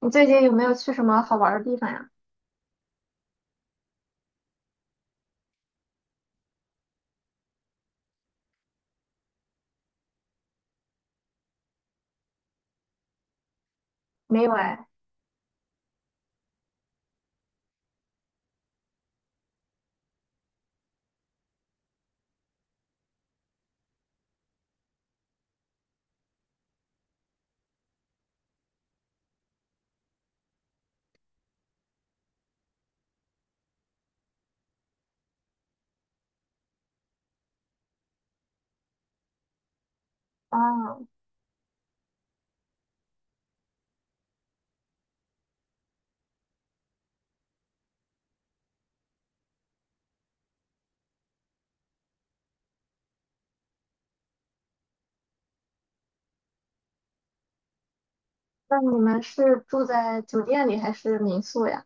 你最近有没有去什么好玩儿的地方呀？没有哎。啊，那你们是住在酒店里还是民宿呀？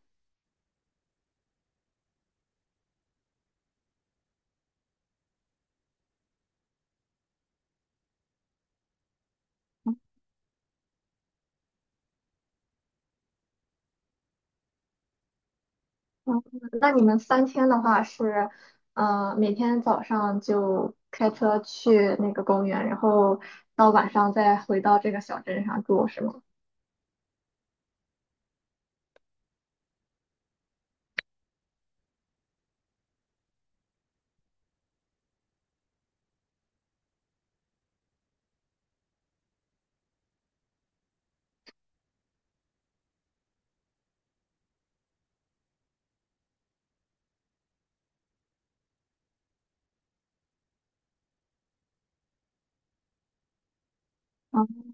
嗯，那你们三天的话是，每天早上就开车去那个公园，然后到晚上再回到这个小镇上住，是吗？嗯，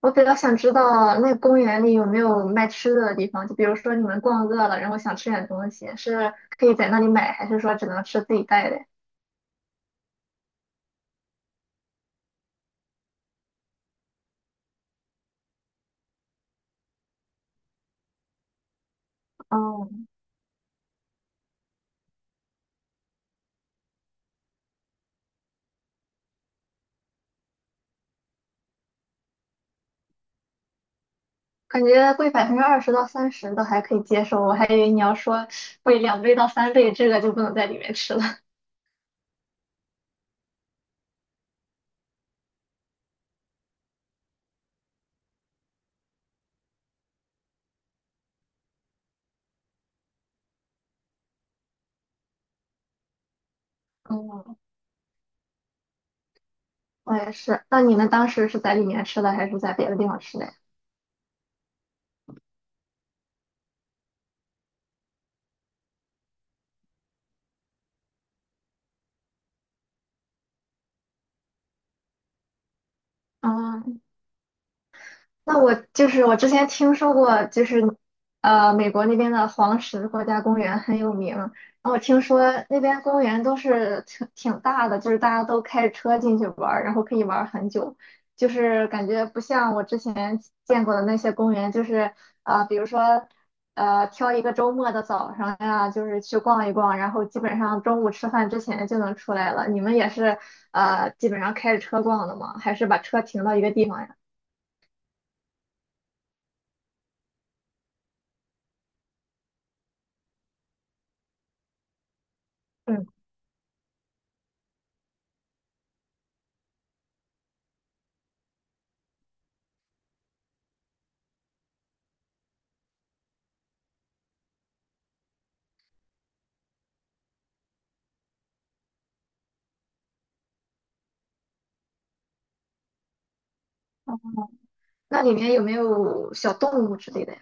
我比较想知道那个公园里有没有卖吃的的地方，就比如说你们逛饿了，然后想吃点东西，是可以在那里买，还是说只能吃自己带的呀？哦，感觉贵20%到30%都还可以接受，我还以为你要说贵2倍到3倍，这个就不能在里面吃了。嗯，我也是。那你们当时是在里面吃的，还是在别的地方吃的呀？啊，那我就是我之前听说过，就是美国那边的黄石国家公园很有名。然后我听说那边公园都是挺大的，就是大家都开着车进去玩儿，然后可以玩儿很久。就是感觉不像我之前见过的那些公园，就是比如说挑一个周末的早上呀，就是去逛一逛，然后基本上中午吃饭之前就能出来了。你们也是基本上开着车逛的吗？还是把车停到一个地方呀？嗯。那里面有没有小动物之类的呀？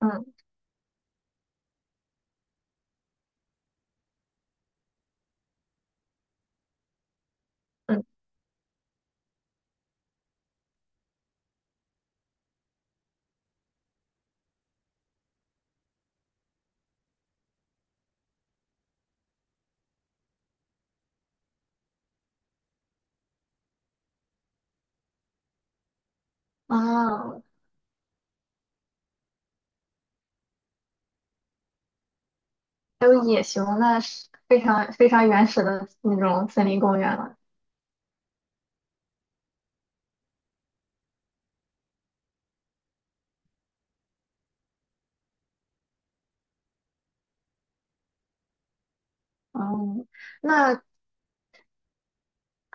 嗯嗯，啊，还有野熊，那是非常非常原始的那种森林公园了。哦，那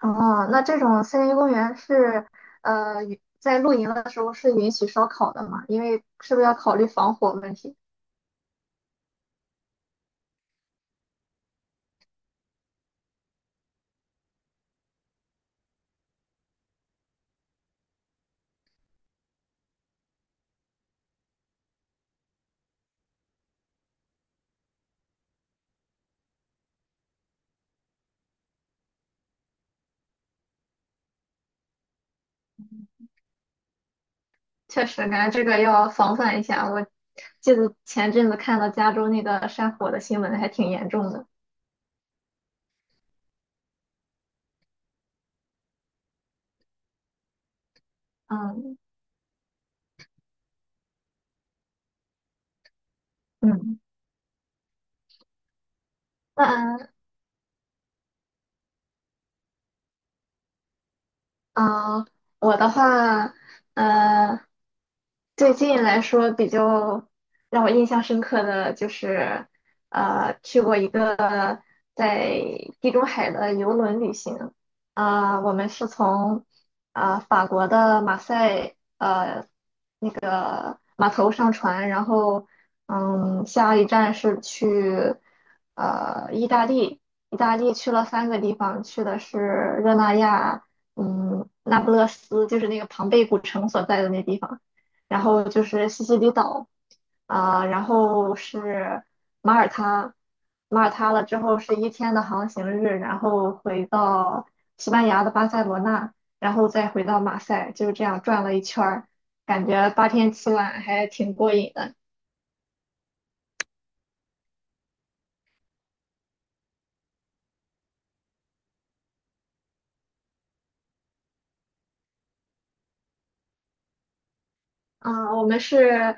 这种森林公园是在露营的时候是允许烧烤的吗？因为是不是要考虑防火问题？确实，感觉这个要防范一下。我记得前阵子看到加州那个山火的新闻，还挺严重的。嗯，嗯，那嗯，我的话，呃，最近来说比较让我印象深刻的就是，去过一个在地中海的游轮旅行。我们是从法国的马赛。码头上船，然后嗯，下一站是去意大利，意大利去了三个地方，去的是热那亚，嗯，那不勒斯，就是那个庞贝古城所在的那地方，然后就是西西里岛，然后是马耳他，马耳他了之后是一天的航行日，然后回到西班牙的巴塞罗那，然后再回到马赛，就是这样转了一圈儿。感觉8天7晚还挺过瘾的。嗯，我们是，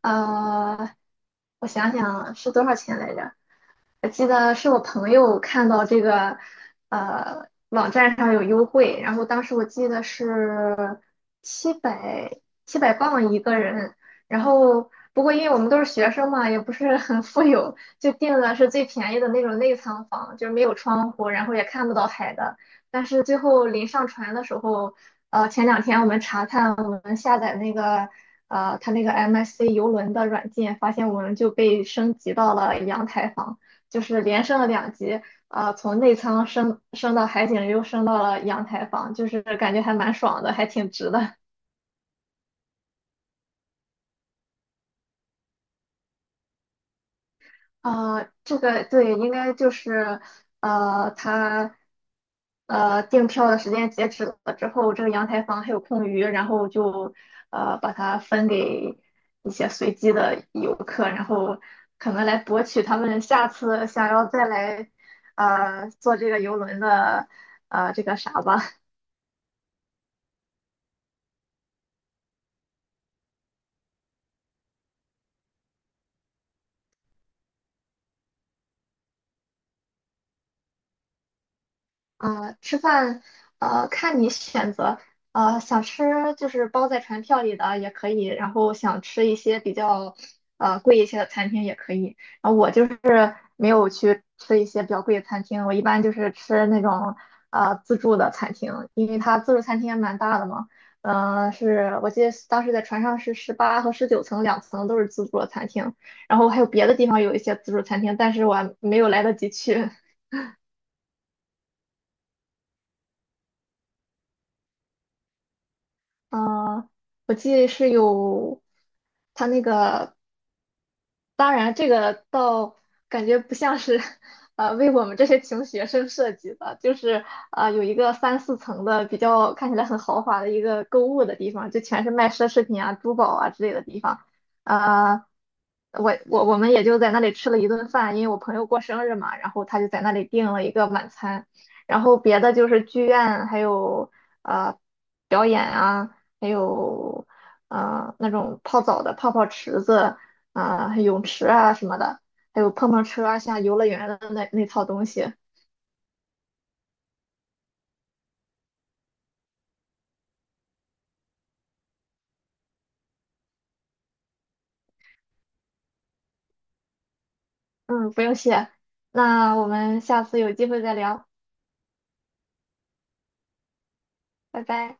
呃，我想想啊是多少钱来着？我记得是我朋友看到这个网站上有优惠，然后当时我记得是七百七百磅一个人，然后不过因为我们都是学生嘛，也不是很富有，就订的是最便宜的那种内舱房，就是没有窗户，然后也看不到海的。但是最后临上船的时候，前两天我们查看我们下载那个。它那个 MSC 游轮的软件，发现我们就被升级到了阳台房。就是连升了两级，啊，从内舱升到海景，又升到了阳台房，就是感觉还蛮爽的，还挺值的。这个对，应该就是他订票的时间截止了之后，这个阳台房还有空余，然后就把它分给一些随机的游客，然后可能来博取他们下次想要再来坐这个游轮的这个啥吧。啊，吃饭，看你选择，想吃就是包在船票里的也可以，然后想吃一些比较，贵一些的餐厅也可以。然后我就是没有去吃一些比较贵的餐厅，我一般就是吃那种，自助的餐厅，因为它自助餐厅也蛮大的嘛，是我记得当时在船上是18和19层，两层都是自助的餐厅，然后还有别的地方有一些自助餐厅，但是我还没有来得及去。嗯、我记得是有他那个当然，这个倒感觉不像是，为我们这些穷学生设计的，就是有一个三四层的比较看起来很豪华的一个购物的地方，就全是卖奢侈品啊、珠宝啊之类的地方。呃，我们也就在那里吃了一顿饭，因为我朋友过生日嘛，然后他就在那里订了一个晚餐，然后别的就是剧院，还有呃表演啊，还有那种泡澡的泡泡池子。还有泳池啊什么的，还有碰碰车啊，像游乐园的那套东西。嗯，不用谢，那我们下次有机会再聊，拜拜。